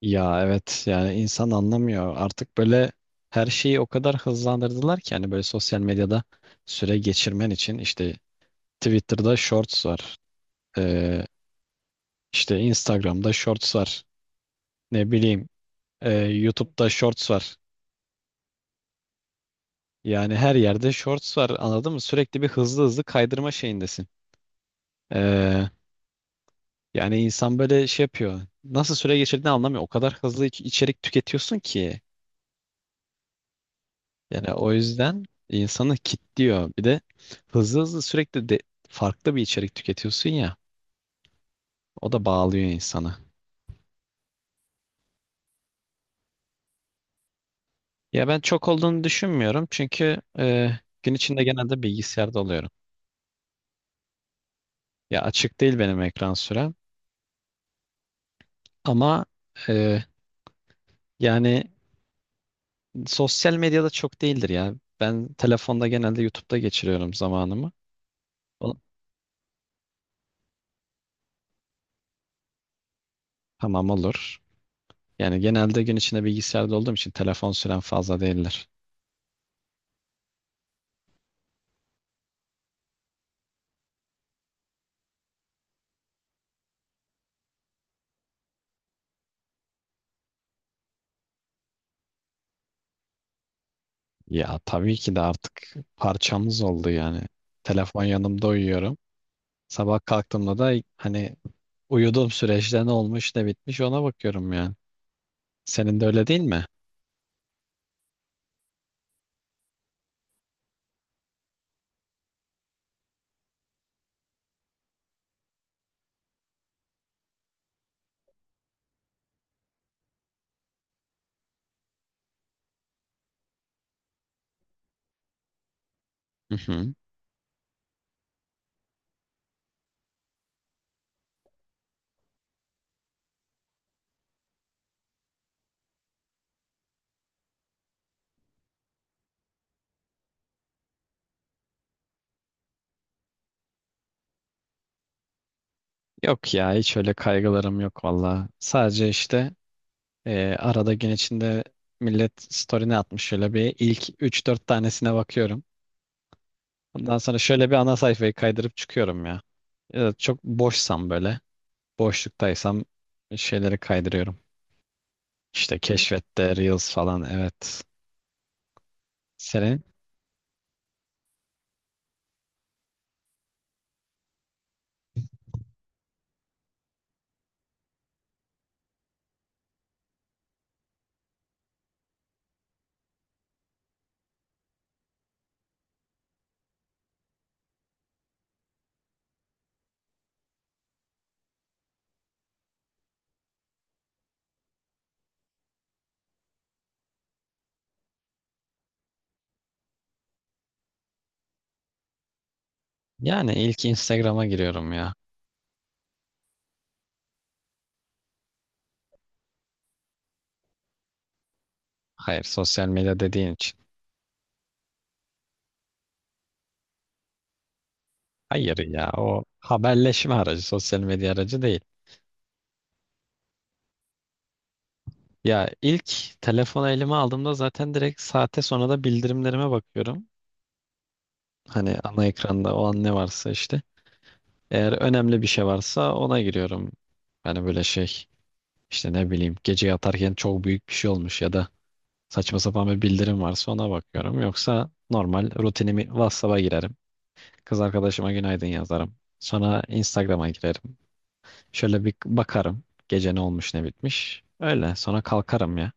Ya evet yani insan anlamıyor. Artık böyle her şeyi o kadar hızlandırdılar ki hani böyle sosyal medyada süre geçirmen için işte Twitter'da Shorts var. Ee, işte Instagram'da Shorts var. Ne bileyim YouTube'da Shorts var. Yani her yerde Shorts var, anladın mı? Sürekli bir hızlı hızlı kaydırma şeyindesin. Ee, Yani insan böyle şey yapıyor. Nasıl süre geçirdiğini anlamıyor. O kadar hızlı içerik tüketiyorsun ki. Yani o yüzden insanı kilitliyor. Bir de hızlı hızlı sürekli de farklı bir içerik tüketiyorsun ya. O da bağlıyor insanı. Ya ben çok olduğunu düşünmüyorum çünkü gün içinde genelde bilgisayarda oluyorum. Ya açık değil benim ekran sürem, ama e, yani sosyal medyada çok değildir ya. Ben telefonda genelde YouTube'da geçiriyorum zamanımı. O- Tamam, olur. Yani genelde gün içinde bilgisayarda olduğum için telefon süren fazla değildir. Ya tabii ki de artık parçamız oldu yani. Telefon yanımda uyuyorum. Sabah kalktığımda da hani uyuduğum süreçte ne olmuş ne bitmiş ona bakıyorum yani. Senin de öyle değil mi? Hı hı. Yok ya, hiç öyle kaygılarım yok valla. Sadece işte arada gün içinde millet story ne atmış şöyle bir ilk üç dört tanesine bakıyorum. Ondan sonra şöyle bir ana sayfayı kaydırıp çıkıyorum ya. Ya da çok boşsam, böyle boşluktaysam, şeyleri kaydırıyorum. İşte keşfette Reels falan, evet. Senin Yani ilk Instagram'a giriyorum ya. Hayır, sosyal medya dediğin için. Hayır ya, o haberleşme aracı, sosyal medya aracı değil. Ya ilk telefonu elime aldığımda zaten direkt saate, sonra da bildirimlerime bakıyorum. Hani ana ekranda o an ne varsa işte. Eğer önemli bir şey varsa ona giriyorum. Hani böyle şey, işte ne bileyim, gece yatarken çok büyük bir şey olmuş ya da saçma sapan bir bildirim varsa ona bakıyorum. Yoksa normal rutinimi WhatsApp'a girerim. Kız arkadaşıma günaydın yazarım. Sonra Instagram'a girerim. Şöyle bir bakarım. Gece ne olmuş ne bitmiş. Öyle sonra kalkarım ya.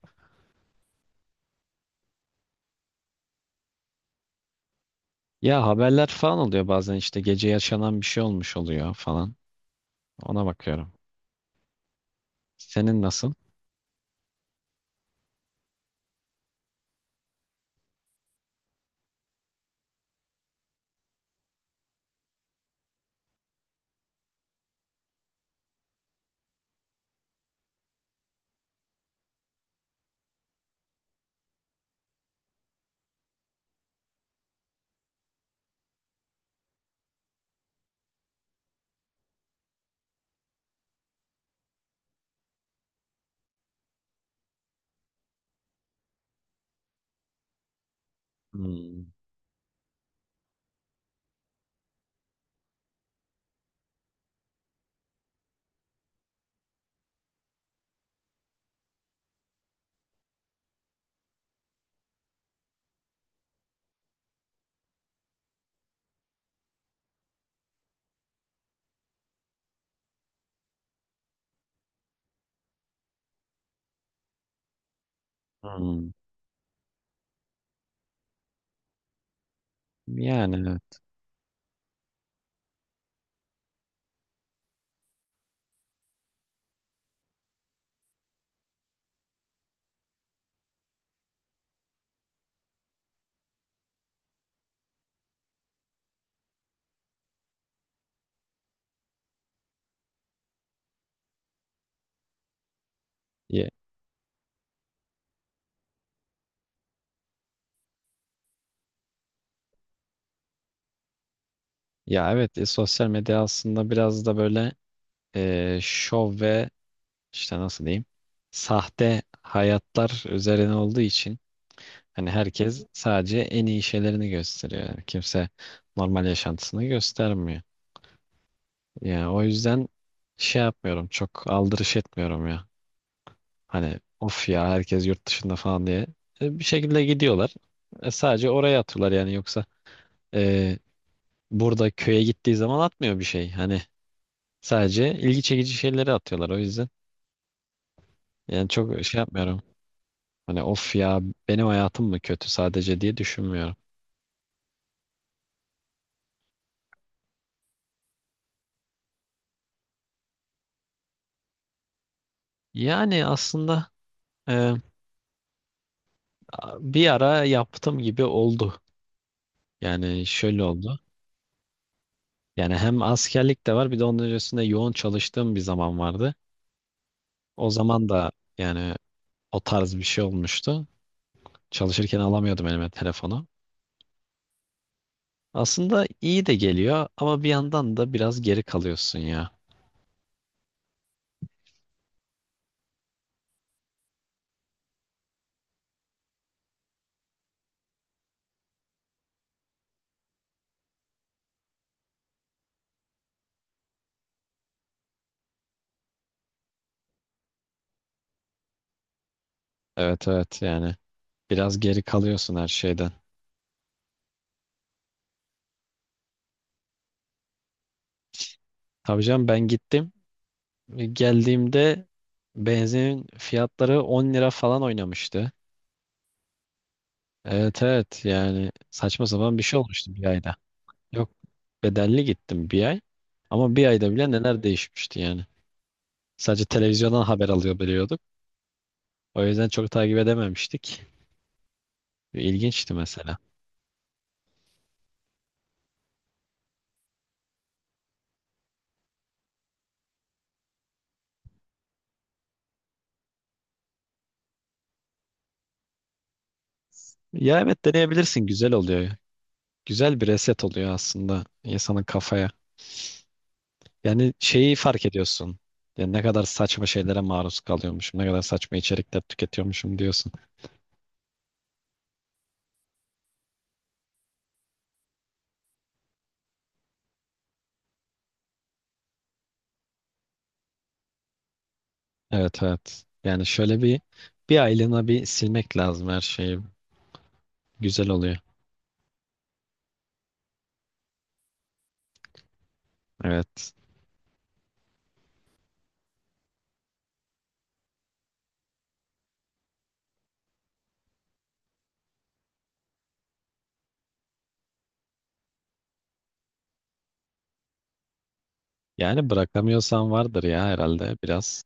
Ya haberler falan oluyor bazen, işte gece yaşanan bir şey olmuş oluyor falan. Ona bakıyorum. Senin nasıl? Hmm. Hmm. Yani evet. ya, ya evet, sosyal medya aslında biraz da böyle şov ve işte nasıl diyeyim, sahte hayatlar üzerine olduğu için hani herkes sadece en iyi şeylerini gösteriyor. Yani kimse normal yaşantısını göstermiyor. Yani o yüzden şey yapmıyorum. Çok aldırış etmiyorum ya. Hani of ya, herkes yurt dışında falan diye. Bir şekilde gidiyorlar. Sadece oraya atıyorlar yani, yoksa e, burada köye gittiği zaman atmıyor bir şey. Hani sadece ilgi çekici şeyleri atıyorlar o yüzden. Yani çok şey yapmıyorum. Hani of ya, benim hayatım mı kötü sadece diye düşünmüyorum. Yani aslında e, bir ara yaptım gibi oldu. Yani şöyle oldu. Yani hem askerlik de var, bir de onun öncesinde yoğun çalıştığım bir zaman vardı. O zaman da yani o tarz bir şey olmuştu. Çalışırken alamıyordum elime telefonu. Aslında iyi de geliyor ama bir yandan da biraz geri kalıyorsun ya. Evet evet, yani biraz geri kalıyorsun her şeyden. Tabii canım, ben gittim. Geldiğimde benzinin fiyatları 10 lira falan oynamıştı. Evet evet, yani saçma sapan bir şey olmuştu bir ayda. Yok, bedelli gittim bir ay. Ama bir ayda bile neler değişmişti yani. Sadece televizyondan haber alıyor, biliyorduk. O yüzden çok takip edememiştik. İlginçti mesela. Ya evet, deneyebilirsin, güzel oluyor. Güzel bir reset oluyor aslında insanın kafaya. Yani şeyi fark ediyorsun. Yani ne kadar saçma şeylere maruz kalıyormuşum, ne kadar saçma içerikler tüketiyormuşum diyorsun. Evet evet. Yani şöyle bir aylığına bir silmek lazım her şeyi. Güzel oluyor. Evet. Yani bırakamıyorsan vardır ya, herhalde biraz.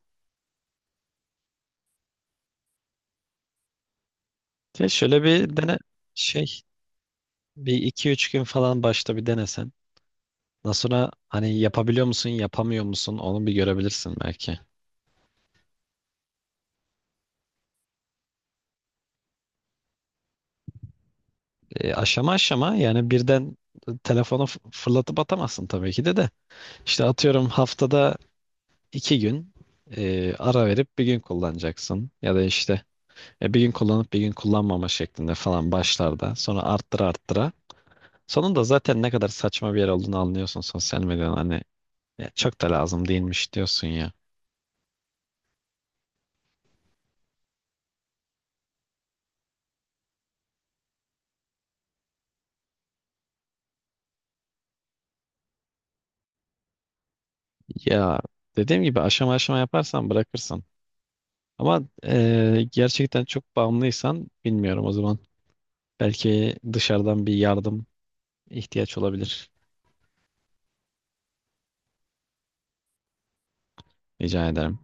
Ya şöyle bir dene, şey, bir iki üç gün falan başta bir denesen. Ondan sonra hani yapabiliyor musun yapamıyor musun onu bir görebilirsin belki. Aşama aşama, yani birden telefonu fırlatıp atamazsın tabii ki de. İşte atıyorum, haftada 2 gün ara verip bir gün kullanacaksın. Ya da işte bir gün kullanıp bir gün kullanmama şeklinde falan başlarda. Sonra arttıra arttıra. Sonunda zaten ne kadar saçma bir yer olduğunu anlıyorsun sosyal medyanın. Hani "ya çok da lazım değilmiş" diyorsun ya. Ya dediğim gibi, aşama aşama yaparsan bırakırsın. Ama gerçekten çok bağımlıysan bilmiyorum o zaman. Belki dışarıdan bir yardım ihtiyaç olabilir. Rica ederim.